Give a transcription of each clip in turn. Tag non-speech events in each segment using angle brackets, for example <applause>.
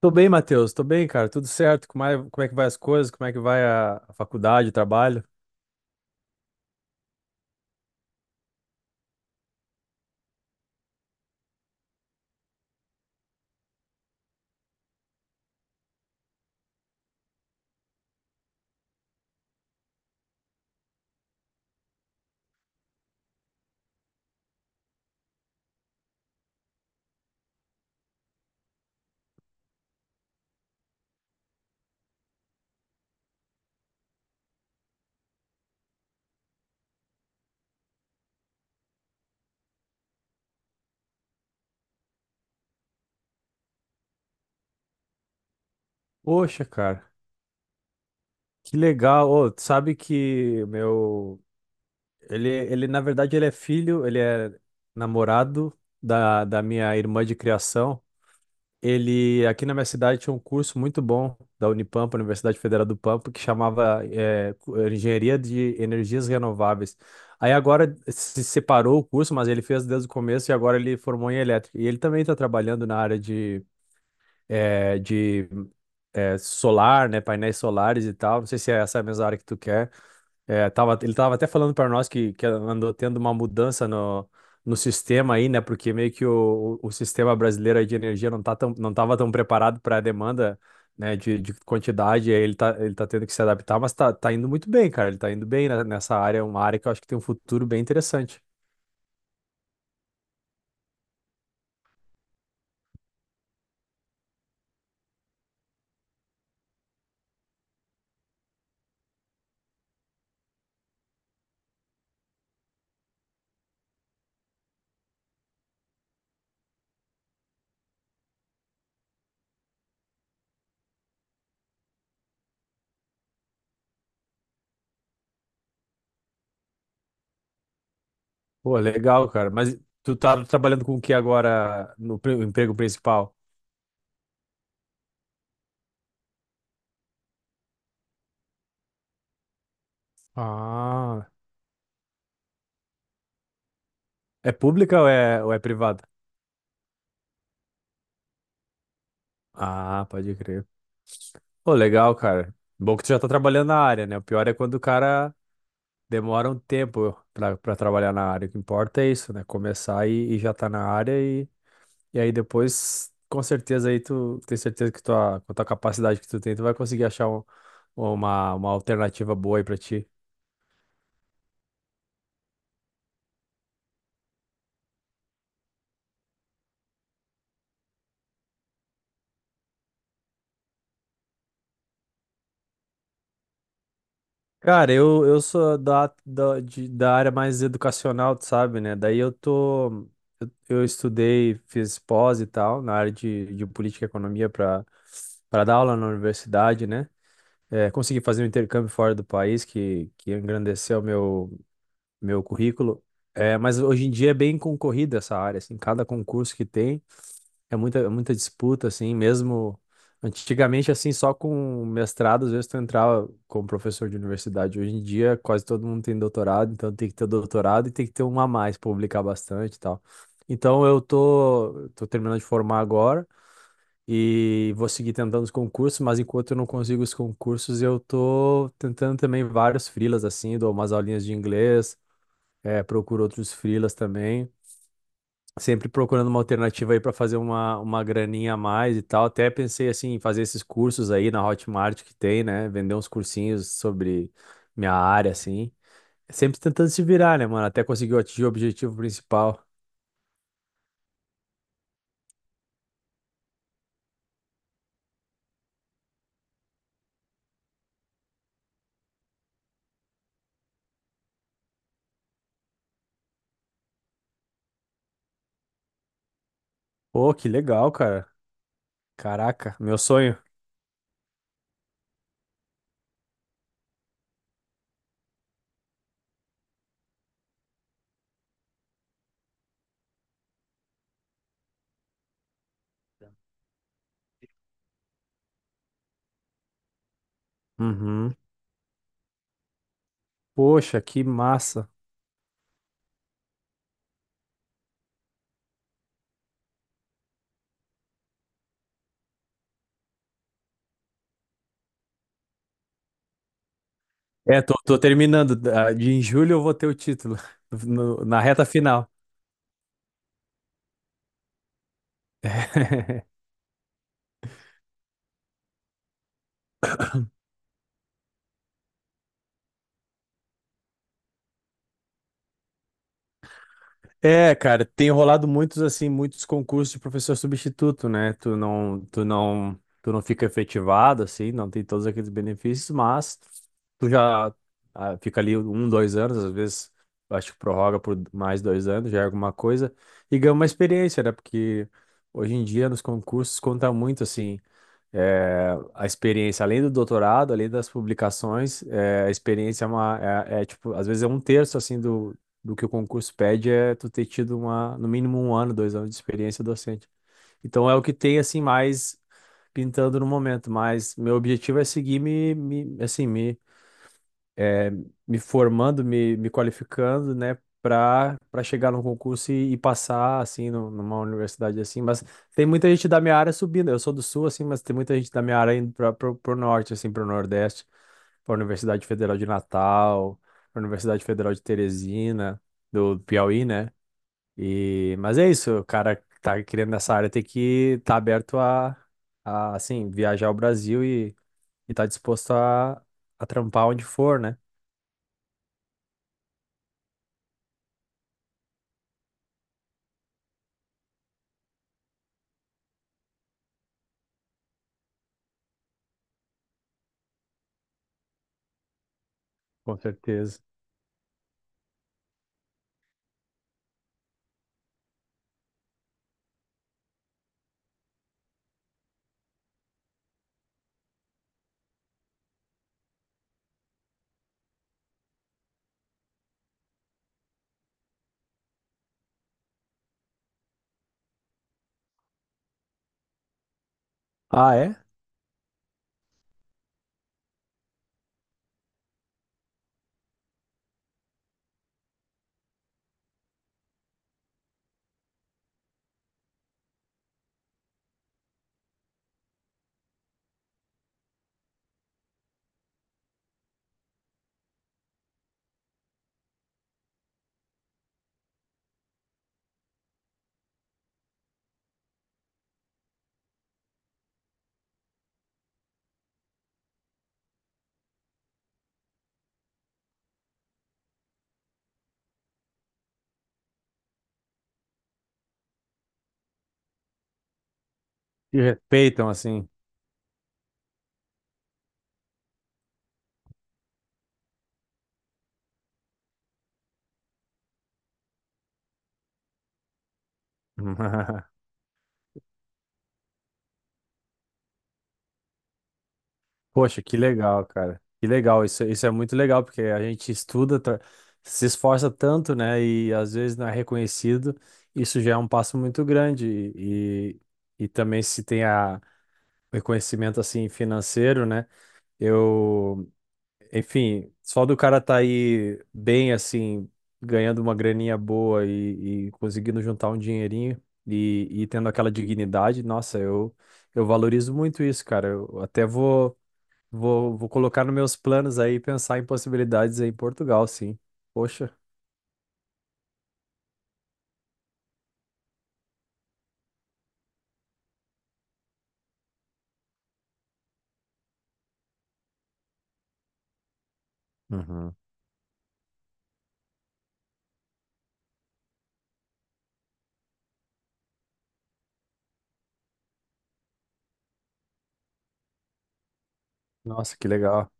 Tô bem, Matheus. Tô bem, cara. Tudo certo? Como é que vai as coisas? Como é que vai a faculdade, o trabalho? Poxa, cara, que legal. Ô, tu sabe que o meu. Ele, na verdade, ele é namorado da minha irmã de criação. Ele, aqui na minha cidade, tinha um curso muito bom da Unipampa, Universidade Federal do Pampa, que chamava Engenharia de Energias Renováveis. Aí agora se separou o curso, mas ele fez desde o começo e agora ele formou em elétrica. E ele também está trabalhando na área de solar, né, painéis solares e tal. Não sei se é essa a mesma área que tu quer. É, ele tava até falando para nós que andou tendo uma mudança no sistema aí, né? Porque meio que o sistema brasileiro aí de energia não tá tão, não tava tão preparado para a demanda, né, de quantidade, aí ele tá tendo que se adaptar, mas tá indo muito bem, cara. Ele tá indo bem nessa área, é uma área que eu acho que tem um futuro bem interessante. Pô, legal, cara. Mas tu tá trabalhando com o que agora no emprego principal? Ah, é pública ou ou é privada? Ah, pode crer. Pô, legal, cara. Bom que tu já tá trabalhando na área, né? O pior é quando o cara demora um tempo pra trabalhar na área. O que importa é isso, né? Começar e já tá na área e aí depois, com certeza aí tu tem certeza que com a tua capacidade que tu tem, tu vai conseguir achar uma alternativa boa aí pra ti. Cara, eu sou da área mais educacional, tu sabe, né? Daí eu tô. Eu estudei, fiz pós e tal, na área de política e economia para dar aula na universidade, né? É, consegui fazer um intercâmbio fora do país, que engrandeceu meu currículo. É, mas hoje em dia é bem concorrida essa área, assim, cada concurso que tem. É muita disputa, assim, mesmo antigamente, assim, só com mestrado, às vezes tu entrava como professor de universidade. Hoje em dia, quase todo mundo tem doutorado, então tem que ter doutorado e tem que ter um a mais, publicar bastante e tal. Então eu tô terminando de formar agora e vou seguir tentando os concursos, mas enquanto eu não consigo os concursos, eu tô tentando também vários freelas, assim, dou umas aulinhas de inglês, procuro outros freelas também sempre procurando uma alternativa aí para fazer uma graninha a mais e tal. Até pensei assim, em fazer esses cursos aí na Hotmart que tem, né? Vender uns cursinhos sobre minha área, assim. Sempre tentando se virar, né, mano? Até conseguir atingir o objetivo principal. Pô, que legal, cara. Caraca, meu sonho. Uhum. Poxa, que massa. É, tô terminando. Da- De em julho eu vou ter o título, <laughs> na reta final. <laughs> É, cara, tem rolado muitos assim, muitos concursos de professor substituto, né? Tu não fica efetivado assim, não tem todos aqueles benefícios, mas tu já fica ali um, dois anos, às vezes eu acho que prorroga por mais 2 anos, já é alguma coisa e ganha uma experiência, né? Porque hoje em dia nos concursos conta muito assim. É, a experiência, além do doutorado, além das publicações, é, a experiência é, tipo, às vezes é um terço assim do que o concurso pede é tu ter tido uma, no mínimo um ano, 2 anos de experiência docente. Então é o que tem assim mais pintando no momento, mas meu objetivo é seguir me formando, me qualificando, né, para chegar num concurso e passar assim numa universidade assim, mas tem muita gente da minha área subindo. Eu sou do sul assim, mas tem muita gente da minha área indo para o norte assim, para o nordeste, para a Universidade Federal de Natal, para a Universidade Federal de Teresina, do Piauí, né? E mas é isso, o cara que tá querendo nessa área tem que estar aberto a viajar ao Brasil e tá disposto a trampar onde for, né? Com certeza. Ah, é? Te respeitam assim. <laughs> Poxa, que legal, cara. Que legal. Isso é muito legal, porque a gente estuda, se esforça tanto, né? E às vezes não é reconhecido. Isso já é um passo muito grande. E, e também se tem o reconhecimento assim financeiro, né? Eu. Enfim, só do cara tá aí bem assim, ganhando uma graninha boa e conseguindo juntar um dinheirinho e tendo aquela dignidade, nossa, eu valorizo muito isso, cara. Eu até vou colocar nos meus planos aí pensar em possibilidades aí em Portugal, sim. Poxa. Uhum. Nossa, que legal.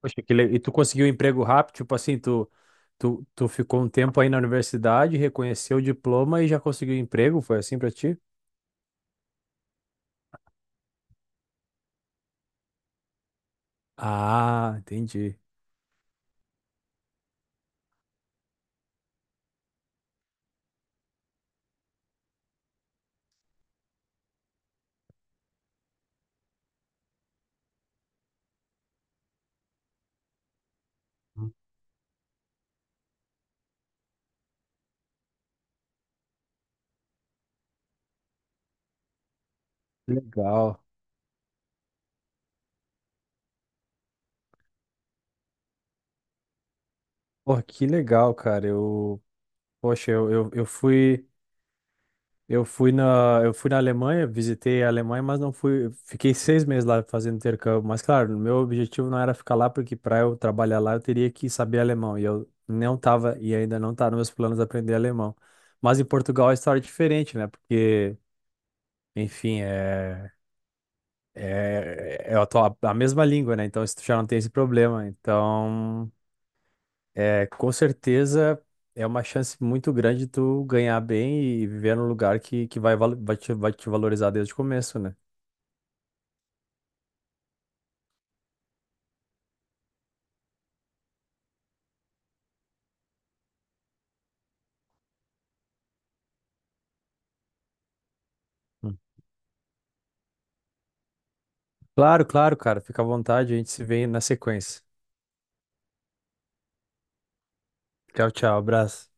E tu conseguiu um emprego rápido, tipo assim, tu ficou um tempo aí na universidade, reconheceu o diploma e já conseguiu um emprego? Foi assim pra ti? Ah, entendi. Legal. Porra, que legal, cara. Poxa, eu fui na Alemanha, visitei a Alemanha, mas não fui, fiquei 6 meses lá fazendo intercâmbio. Mas claro, o meu objetivo não era ficar lá, porque para eu trabalhar lá eu teria que saber alemão. E eu não tava, e ainda não tá nos meus planos aprender alemão. Mas em Portugal a história é diferente, né? Porque, enfim, é a mesma língua, né? Então isso já não tem esse problema. Então com certeza é uma chance muito grande tu ganhar bem e viver num lugar que vai te valorizar desde o começo, né? Hum. Claro, claro, cara. Fica à vontade, a gente se vê na sequência. Tchau, tchau, abraço.